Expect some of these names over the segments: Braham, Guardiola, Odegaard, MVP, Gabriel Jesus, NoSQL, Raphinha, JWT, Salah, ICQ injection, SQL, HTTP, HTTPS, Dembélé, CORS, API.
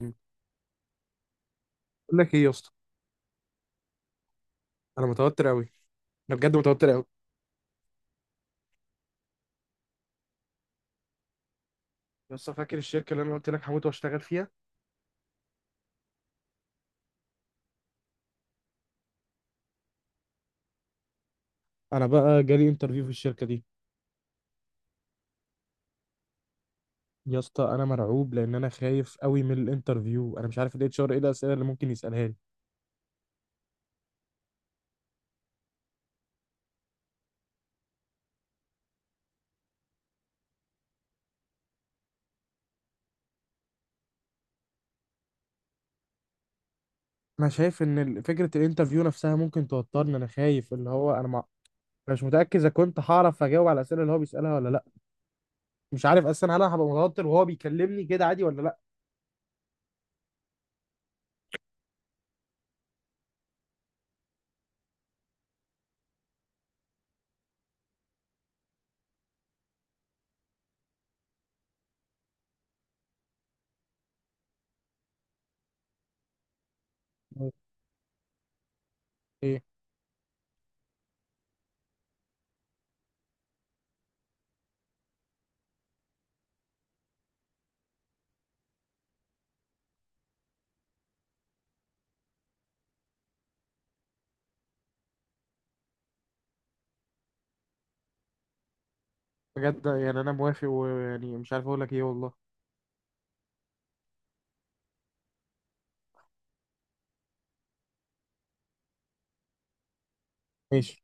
مم. بقول لك ايه يا اسطى؟ انا متوتر قوي. انا بجد متوتر قوي. يا اسطى، فاكر الشركه اللي انا قلت لك هموت واشتغل فيها؟ انا بقى جالي انترفيو في الشركه دي. يا اسطى، انا مرعوب لان انا خايف قوي من الانترفيو. انا مش عارف الاتش ار ايه الاسئله اللي ممكن يسالها لي. انا شايف ان فكره الانترفيو نفسها ممكن توترني. انا خايف، اللي هو انا مع... أنا مش متاكد اذا كنت هعرف اجاوب على الاسئله اللي هو بيسالها ولا لا. مش عارف اصلا هل انا هبقى متوتر وهو بيكلمني كده عادي ولا لا. مم. ايه؟ بجد يعني انا موافق، ويعني مش عارف اقول لك ايه والله. ماشي.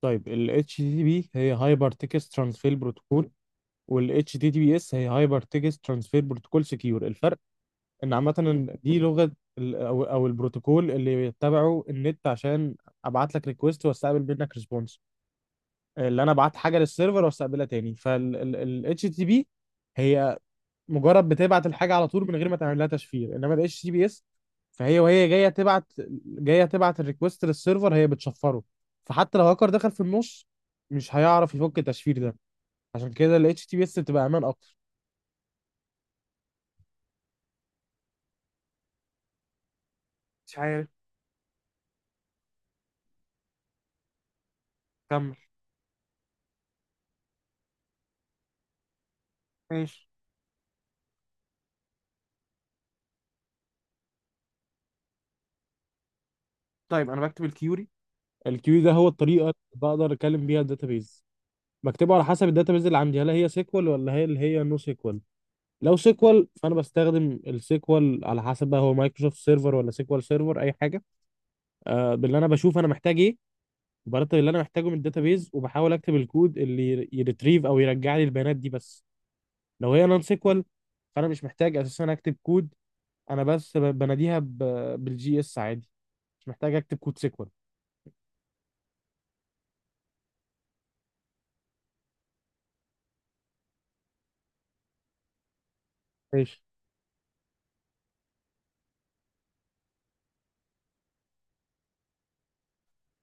طيب ال HTTP هي هايبر تكست ترانسفير بروتوكول، وال HTTPS هي هايبر تكست ترانسفير بروتوكول سكيور. الفرق ان عامة إن دي لغة ال- او او البروتوكول اللي بيتبعه النت عشان ابعت لك ريكويست واستقبل منك ريسبونس، اللي انا ابعت حاجة للسيرفر واستقبلها تاني. فال ال ال HTTP هي مجرد بتبعت الحاجه على طول من غير ما تعمل لها تشفير، انما الاتش تي بي اس فهي جايه تبعت الريكوست للسيرفر، هي بتشفره. فحتى لو هاكر دخل في النص مش هيعرف يفك التشفير ده. عشان كده ال HTTPS بتبقى امان اكتر. مش عارف. كمل. ماشي. طيب انا بكتب الكيوري. الكيوري ده هو الطريقه اللي بقدر اكلم بيها الداتابيز. بكتبه على حسب الداتابيز اللي عندي، هل هي سيكوال ولا هي نو سيكوال. لو سيكوال فانا بستخدم السيكوال، على حسب بقى هو مايكروسوفت سيرفر ولا سيكوال سيرفر اي حاجه. باللي انا بشوف انا محتاج ايه، وبرتب اللي انا محتاجه من الداتابيز، وبحاول اكتب الكود اللي يريتريف او يرجع لي البيانات دي بس. لو هي نون سيكوال فانا مش محتاج اساسا اكتب كود. انا بس بناديها بالجي اس عادي، مش محتاج اكتب كود سيكوال. ماشي.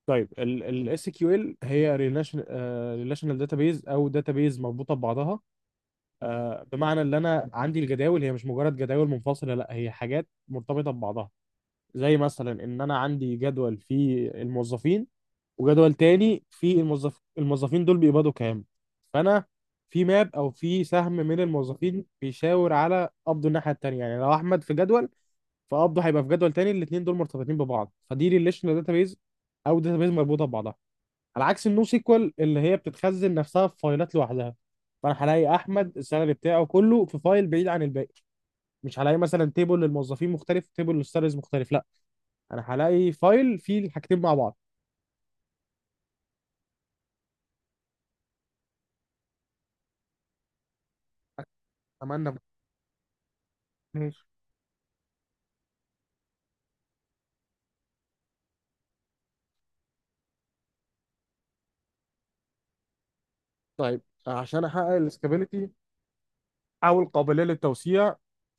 طيب الاس كيو ال SQL هي ريليشنال داتابيز او داتابيز مربوطه ببعضها. بمعنى ان انا عندي الجداول هي مش مجرد جداول منفصله، لا هي حاجات مرتبطه ببعضها. زي مثلا ان انا عندي جدول في الموظفين، وجدول تاني في الموظفين دول بيقبضوا كام. فانا في ماب او في سهم من الموظفين بيشاور على قبضه الناحيه التانيه. يعني لو احمد في جدول فقبضه هيبقى في جدول تاني، الاثنين دول مرتبطين ببعض. فدي ريليشنال داتابيز او داتابيز مربوطه ببعضها، على عكس النو سيكوال اللي هي بتتخزن نفسها في فايلات لوحدها. فانا هلاقي احمد السالري بتاعه كله في فايل بعيد عن الباقي، مش هلاقي مثلا تيبل للموظفين مختلف، تيبل للسالاريز مختلف، لا، انا هلاقي فايل فيه الحاجتين مع بعض. اتمنى. طيب عشان احقق الاستابيليتي او القابليه للتوسيع،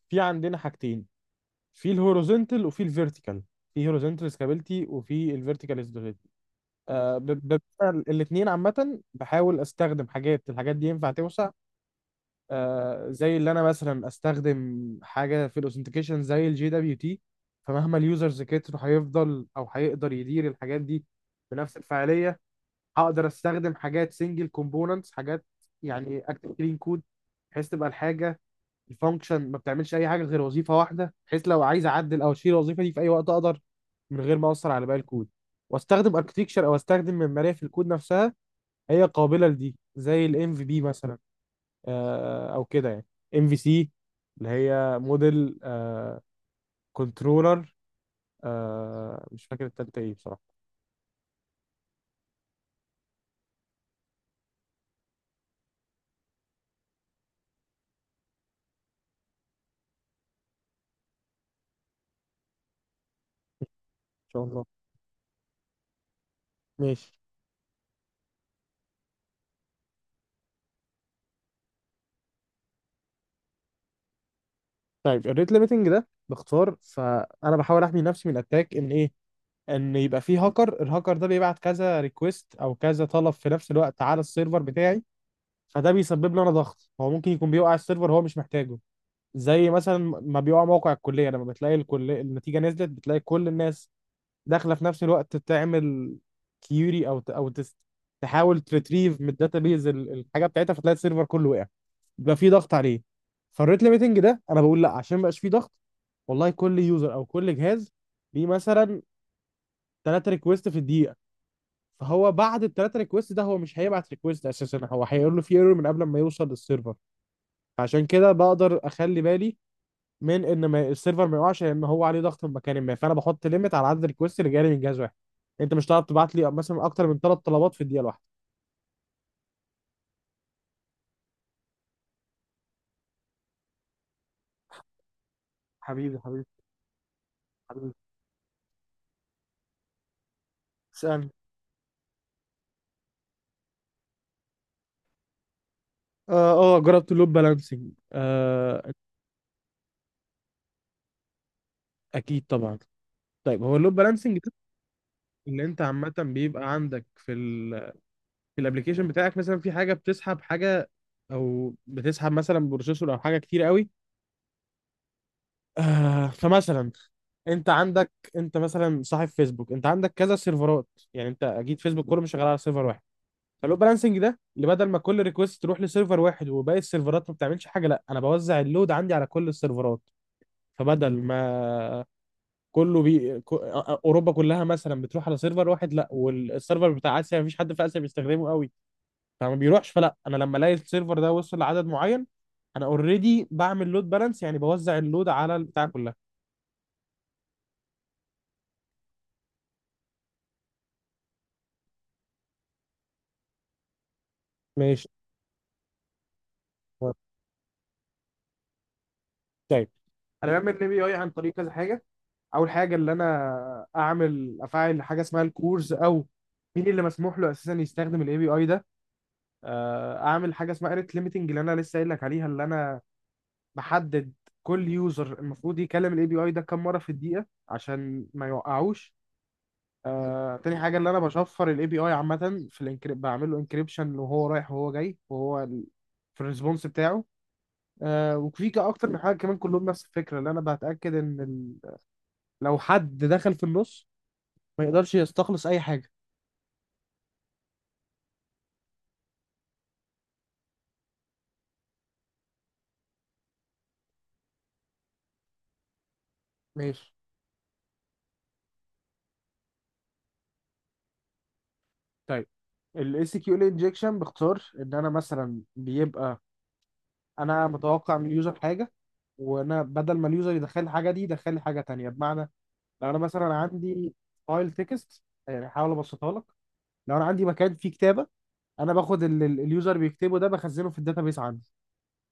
في عندنا حاجتين: في الهوريزونتال وفي الفيرتيكال، في هوريزونتال استابيليتي وفي الفيرتيكال استابيليتي. آه. الاثنين عامه بحاول استخدم الحاجات دي ينفع توسع. زي اللي انا مثلا استخدم حاجه في الاوثنتيكيشن زي الجي دبليو تي، فمهما اليوزرز كتروا هيفضل، او هيقدر يدير الحاجات دي بنفس الفعاليه. هقدر استخدم حاجات سنجل كومبوننتس، حاجات يعني اكتب كلين كود، بحيث تبقى الحاجه، الفانكشن ما بتعملش اي حاجه غير وظيفه واحده، بحيث لو عايز اعدل او اشيل الوظيفه دي في اي وقت اقدر من غير ما اثر على باقي الكود. واستخدم اركتكشر او استخدم معماريه في الكود نفسها هي قابله لدي زي الام في بي مثلا. او كده يعني، ام في سي، اللي هي موديل، كنترولر. مش فاكر التالتة ايه بصراحه. ان شاء الله. ماشي. طيب الريت ليميتنج ده باختصار فانا بحاول احمي نفسي من اتاك، ان ايه؟ ان يبقى في هاكر، الهاكر ده بيبعت كذا ريكويست او كذا طلب في نفس الوقت على السيرفر بتاعي. فده بيسبب لي انا ضغط، هو ممكن يكون بيوقع السيرفر هو مش محتاجه. زي مثلا ما بيوقع موقع الكليه، لما بتلاقي الكليه النتيجه نزلت، بتلاقي كل الناس داخله في نفس الوقت تعمل كيوري او ت- او تس- تحاول تريتريف من الداتابيز الحاجه بتاعتها، فتلاقي السيرفر كله وقع، يبقى في ضغط عليه. فالريت ليميتنج ده انا بقول لا، عشان مبقاش في ضغط، والله كل يوزر او كل جهاز ليه مثلا 3 ريكويست في الدقيقه. فهو بعد ال3 ريكويست ده، هو مش هيبعت ريكويست اساسا، هو هيقول له في ايرور من قبل ما يوصل للسيرفر. عشان كده بقدر اخلي بالي من ان ما السيرفر ما يقعش، لان هو عليه ضغط مكاني ما، فانا بحط ليميت على عدد الريكوست اللي جاي من جهاز واحد، انت مش هتعرف تبعت لي مثلا اكتر من 3 طلبات في الدقيقه الواحده. حبيبي، حبيبي، حبيبي. اسألني. اه. اه، جربت اللود بالانسنج، آه. اكيد طبعا. طيب هو اللود بالانسنج ده اللي انت عامه بيبقى عندك في في الابلكيشن بتاعك، مثلا في حاجه بتسحب حاجه، او بتسحب مثلا بروسيسور او حاجه كتير قوي. فمثلا انت عندك، انت مثلا صاحب فيسبوك، انت عندك كذا سيرفرات. يعني انت اكيد فيسبوك كله مش شغال على سيرفر واحد. فاللود بالانسنج ده اللي بدل ما كل ريكوست تروح لسيرفر واحد وباقي السيرفرات ما بتعملش حاجه، لا، انا بوزع اللود عندي على كل السيرفرات. فبدل ما كله بي... ك- اوروبا كلها مثلا بتروح على سيرفر واحد، لا، والسيرفر بتاع اسيا مفيش حد في اسيا بيستخدمه قوي فما بيروحش. فلا انا لما الاقي السيرفر ده وصل لعدد معين، انا اوريدي بعمل لود بالانس، يعني بوزع اللود على البتاع كلها. ماشي. طيب انا بعمل ال بي اي عن طريق كذا حاجه. اول حاجه اللي انا افعل حاجه اسمها الكورز، او مين اللي مسموح له اساسا يستخدم الاي بي اي ده. اعمل حاجه اسمها ريت ليميتنج، اللي انا لسه قايل لك عليها، اللي انا بحدد كل يوزر المفروض يكلم الاي بي اي ده كام مره في الدقيقه عشان ما يوقعوش. تاني حاجه اللي انا بشفر الاي بي اي عامه، في الانكريب بعمل له انكريبشن وهو رايح وهو جاي، وهو في الريسبونس بتاعه. اكتر من حاجه كمان كلهم نفس الفكره، اللي انا بتاكد ان لو حد دخل في النص ما يقدرش يستخلص اي حاجه. ماشي. طيب الاي سي كيو انجكشن باختصار، ان انا مثلا بيبقى انا متوقع من اليوزر حاجه، وانا بدل ما اليوزر يدخل الحاجه دي يدخل لي حاجه تانية. بمعنى لو انا مثلا عندي فايل تكست، يعني هحاول ابسطها لك، لو انا عندي مكان فيه كتابه، انا باخد اللي اليوزر بيكتبه ده بخزنه في الداتابيس عندي.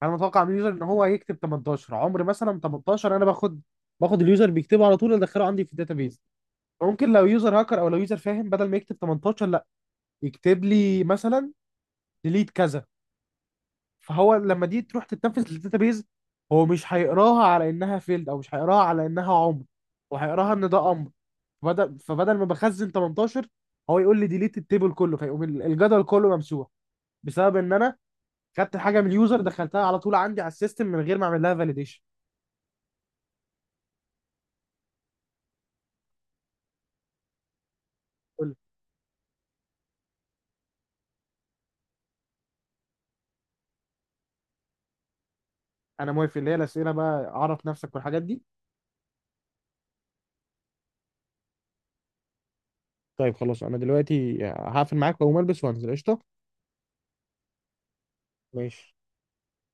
انا متوقع من اليوزر ان هو هيكتب 18، عمر مثلا، 18 انا باخد اليوزر بيكتبه على طول ادخله عندي في الداتابيس. ممكن لو يوزر هاكر او لو يوزر فاهم بدل ما يكتب 18، لا يكتب لي مثلا ديليت كذا. فهو لما دي تروح تتنفذ للداتابيز، هو مش هيقراها على انها فيلد، او مش هيقراها على انها عمر، وهيقراها ان ده امر. فبدل ما بخزن 18، هو يقول لي ديليت التيبل كله، فيقوم الجدول كله ممسوح، بسبب ان انا خدت حاجه من اليوزر دخلتها على طول عندي على السيستم من غير ما اعمل لها فاليديشن. انا موافق، اللي هي الاسئله بقى اعرف نفسك والحاجات دي. طيب خلاص، انا دلوقتي هقفل معاك واقوم البس وانزل قشطه. ماشي.